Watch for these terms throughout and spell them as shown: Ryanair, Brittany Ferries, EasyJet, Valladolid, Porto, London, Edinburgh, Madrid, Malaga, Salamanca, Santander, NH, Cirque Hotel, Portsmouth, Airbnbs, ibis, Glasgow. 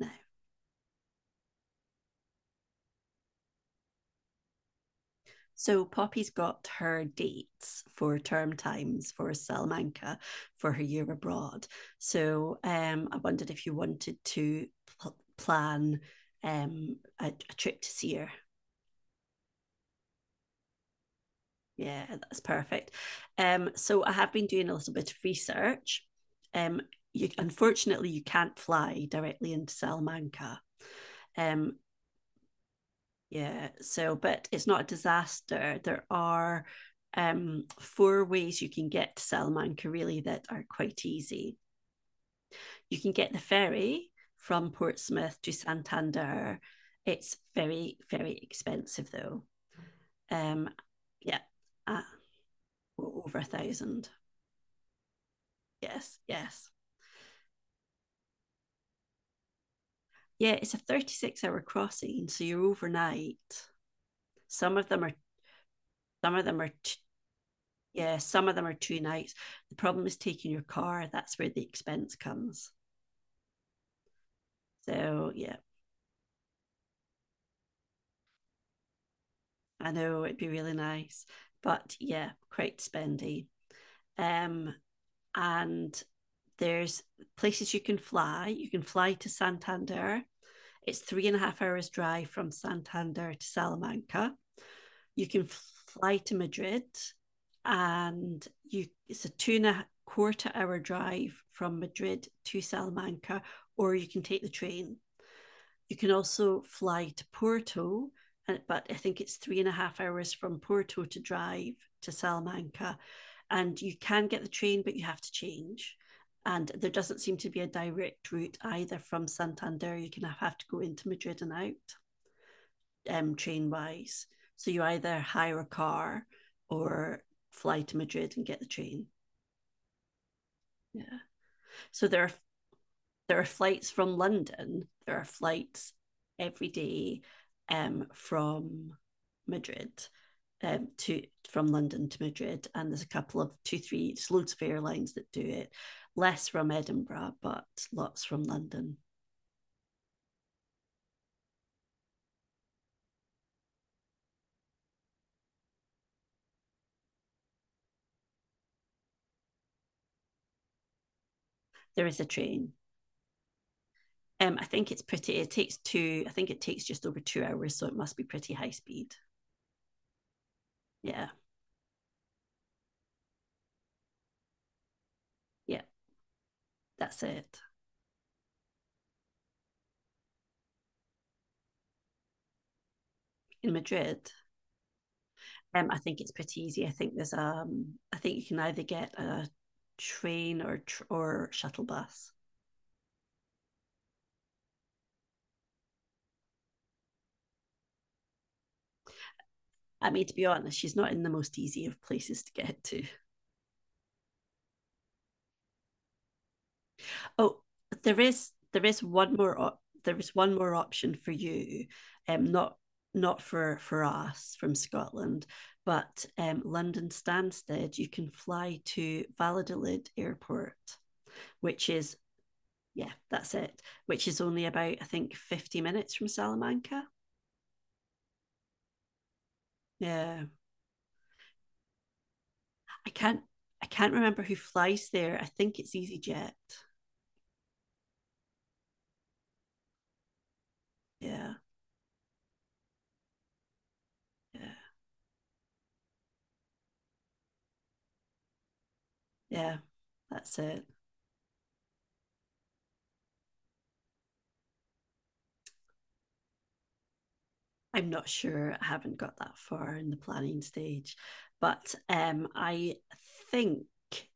Now, so Poppy's got her dates for term times for Salamanca for her year abroad. So I wondered if you wanted to plan a trip to see her. Yeah, that's perfect. So I have been doing a little bit of research. Um, you, unfortunately, you can't fly directly into Salamanca. Um, Yeah, so but it's not a disaster. There are four ways you can get to Salamanca really that are quite easy. You can get the ferry from Portsmouth to Santander. It's very, very expensive though. Um, yeah, uh, Over 1,000. Yes, yes. Yeah, it's a 36-hour crossing, so you're overnight. Some of them are some of them are t- Yeah, some of them are 2 nights. The problem is taking your car. That's where the expense comes. So yeah, I know it'd be really nice, but yeah, quite spendy. Um, and there's places you can fly. You can fly to Santander. It's three and a half hours drive from Santander to Salamanca. You can fly to Madrid, and you it's a 2 and a quarter hour drive from Madrid to Salamanca, or you can take the train. You can also fly to Porto, but I think it's three and a half hours from Porto to drive to Salamanca. And you can get the train, but you have to change. And there doesn't seem to be a direct route either from Santander. You can have to go into Madrid and out train wise. So you either hire a car or fly to Madrid and get the train. Yeah. So there are flights from London. There are flights every day um, from Madrid um, to from London to Madrid, and there's a couple of there's loads of airlines that do it. Less from Edinburgh, but lots from London. There is a train. I think it's pretty. It takes two. I think it takes just over 2 hours, so it must be pretty high speed. Yeah, yeah, that's it. In Madrid, um, I think it's pretty easy. I think there's I think you can either get a train or shuttle bus. I mean, to be honest, she's not in the most easy of places to get to. Oh, there is one more option for you, um, not not for us from Scotland, but London Stansted. You can fly to Valladolid Airport, which is yeah, that's it. Which is only about I think 50 minutes from Salamanca. Yeah, I can't I can't remember who flies there. I think it's EasyJet. Yeah, yeah, yeah. That's it. I'm not sure. I haven't got that far in the planning stage, but I think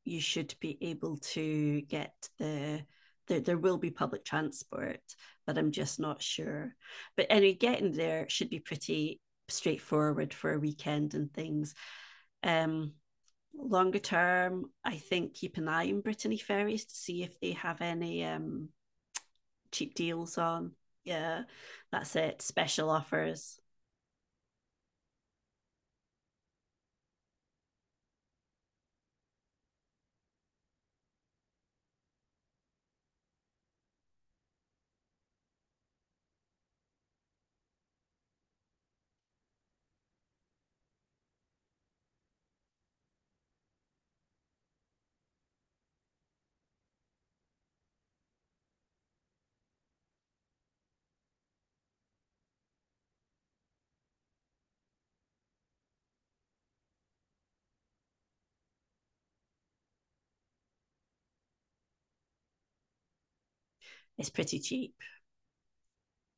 you should be able to get there will be public transport, but I'm just not sure. But anyway, getting there should be pretty straightforward for a weekend and things. Um, Longer term, I think keep an eye on Brittany Ferries to see if they have any cheap deals on. Yeah, that's it. Special offers. It's pretty cheap.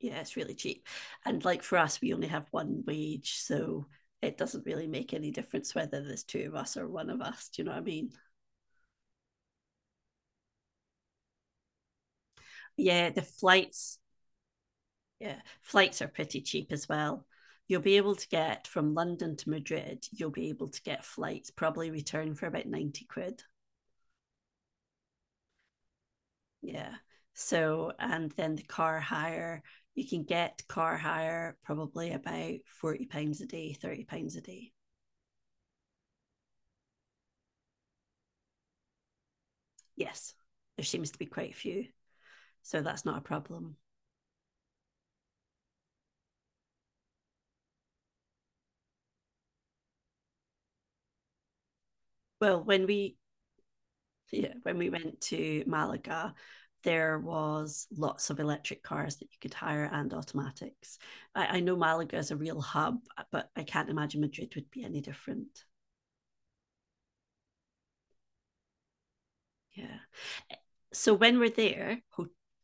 Yeah, it's really cheap. And like for us, we only have one wage, so it doesn't really make any difference whether there's two of us or one of us. Do you know what I mean? Yeah, yeah, flights are pretty cheap as well. You'll be able to get from London to Madrid, you'll be able to get flights probably return for about 90 quid. Yeah. So, and then the car hire, you can get car hire probably about 40 pounds a day, 30 pounds a day. Yes. There seems to be quite a few. So that's not a problem. Well, when we yeah, when we went to Malaga, there was lots of electric cars that you could hire and automatics. I know Malaga is a real hub, but I can't imagine Madrid would be any different. Yeah. So when we're there,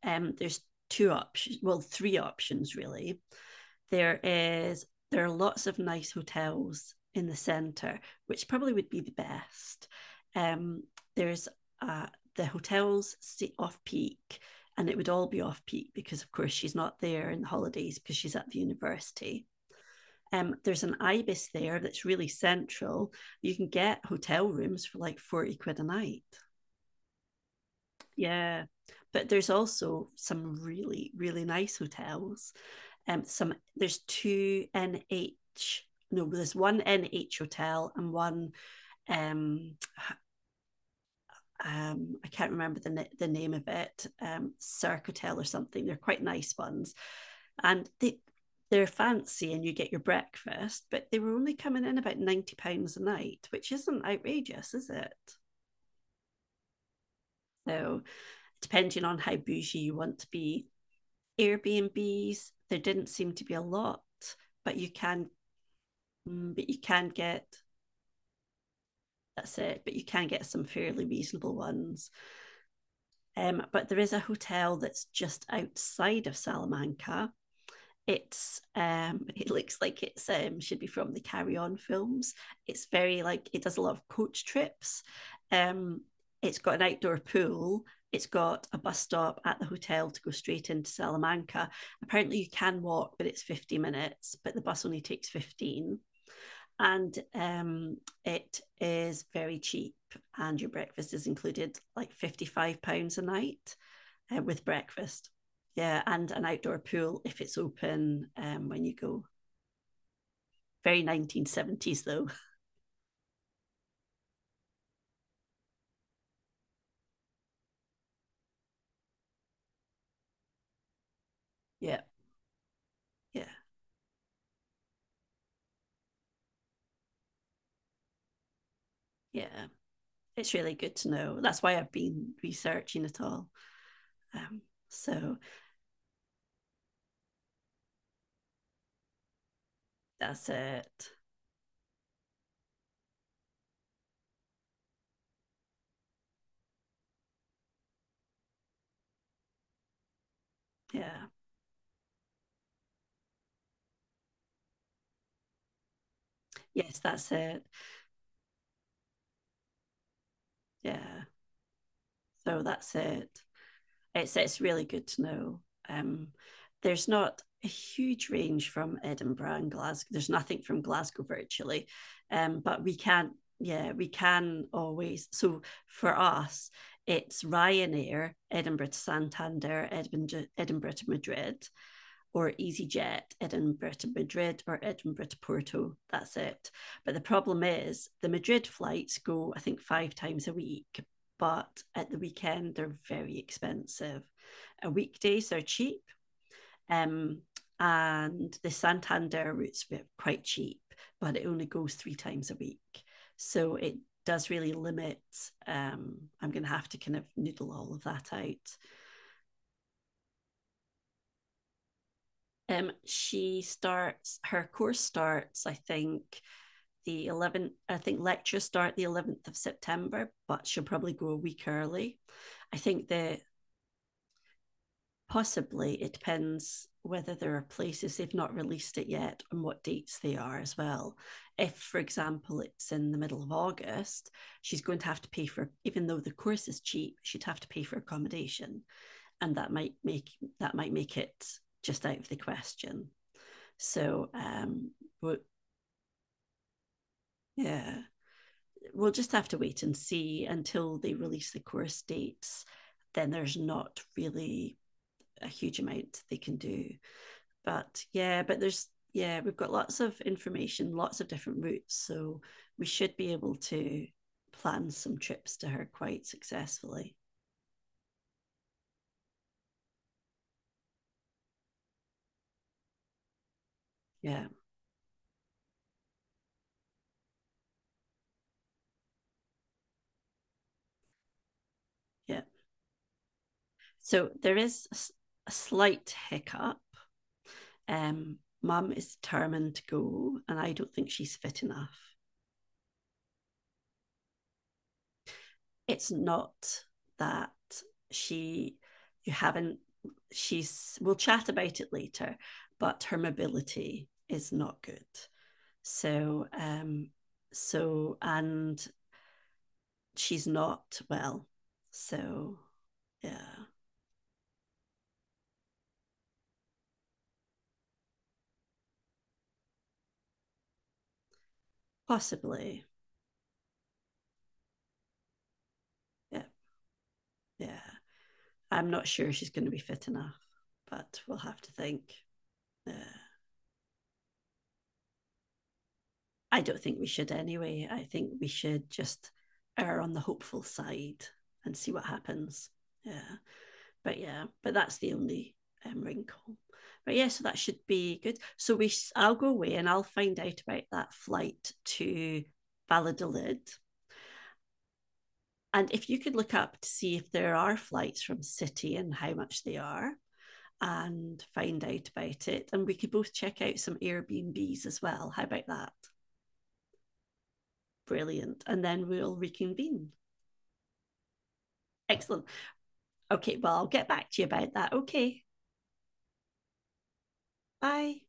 there's two options, well, three options really. There is there are lots of nice hotels in the centre, which probably would be the best. Um, there's uh, the hotels sit off peak, and it would all be off peak because, of course, she's not there in the holidays because she's at the university. There's an ibis there that's really central. You can get hotel rooms for like 40 quid a night. Yeah. But there's also some really, really nice hotels. Some there's two NH, no, there's one NH hotel and one um I can't remember the name of it, Cirque Hotel or something. They're quite nice ones. And they're fancy and you get your breakfast, but they were only coming in about £90 a night, which isn't outrageous, is it? So depending on how bougie you want to be, Airbnbs, there didn't seem to be a lot, but but you can get that's it, but you can get some fairly reasonable ones. But there is a hotel that's just outside of Salamanca. It's it looks like it's should be from the Carry On films. It's very like it does a lot of coach trips. Um, it's got an outdoor pool. It's got a bus stop at the hotel to go straight into Salamanca. Apparently you can walk, but it's 50 minutes, but the bus only takes 15. And it is very cheap and your breakfast is included, like 55 pounds a night with breakfast. Yeah, and an outdoor pool if it's open when you go. Very 1970s though. Yeah, yeah, yeah. It's really good to know. That's why I've been researching it all. Um, so that's it. Yeah. Yes, that's it. Yeah. So that's it. It's really good to know. Um, there's not a huge range from Edinburgh and Glasgow. There's nothing from Glasgow virtually, but we can yeah we can always. So for us, it's Ryanair, Edinburgh to Santander, Edinburgh to Madrid, or EasyJet, Edinburgh to Madrid or Edinburgh to Porto. That's it. But the problem is the Madrid flights go, I think, five times a week, but at the weekend, they're very expensive. A weekdays are cheap, um, and the Santander routes are quite cheap, but it only goes three times a week. So it does really limit. I'm going to have to kind of noodle all of that out. She starts her course starts, I think, lectures start the 11th of September, but she'll probably go a week early. I think that possibly it depends whether there are places. They've not released it yet and what dates they are as well. If, for example, it's in the middle of August, she's going to have to pay for, even though the course is cheap, she'd have to pay for accommodation, and that might make it just out of the question. So, but yeah, we'll just have to wait and see until they release the course dates. Then there's not really a huge amount they can do. But yeah, but there's yeah, we've got lots of information, lots of different routes, so we should be able to plan some trips to her quite successfully. Yeah, yeah. So there is a slight hiccup. Mum is determined to go, and I don't think she's fit enough. It's not that she you haven't she's we'll chat about it later, but her mobility is not good, so so and she's not well, so yeah. Possibly. Yeah, yeah, I'm not sure she's going to be fit enough, but we'll have to think. Yeah, I don't think we should anyway. I think we should just err on the hopeful side and see what happens. Yeah, yeah, but that's the only wrinkle. But yeah, so that should be good. So we, I I'll go away and I'll find out about that flight to Valladolid. And if you could look up to see if there are flights from City and how much they are, and find out about it. And we could both check out some Airbnbs as well. How about that? Brilliant. And then we'll reconvene. Excellent. Okay, well, I'll get back to you about that. Okay, bye.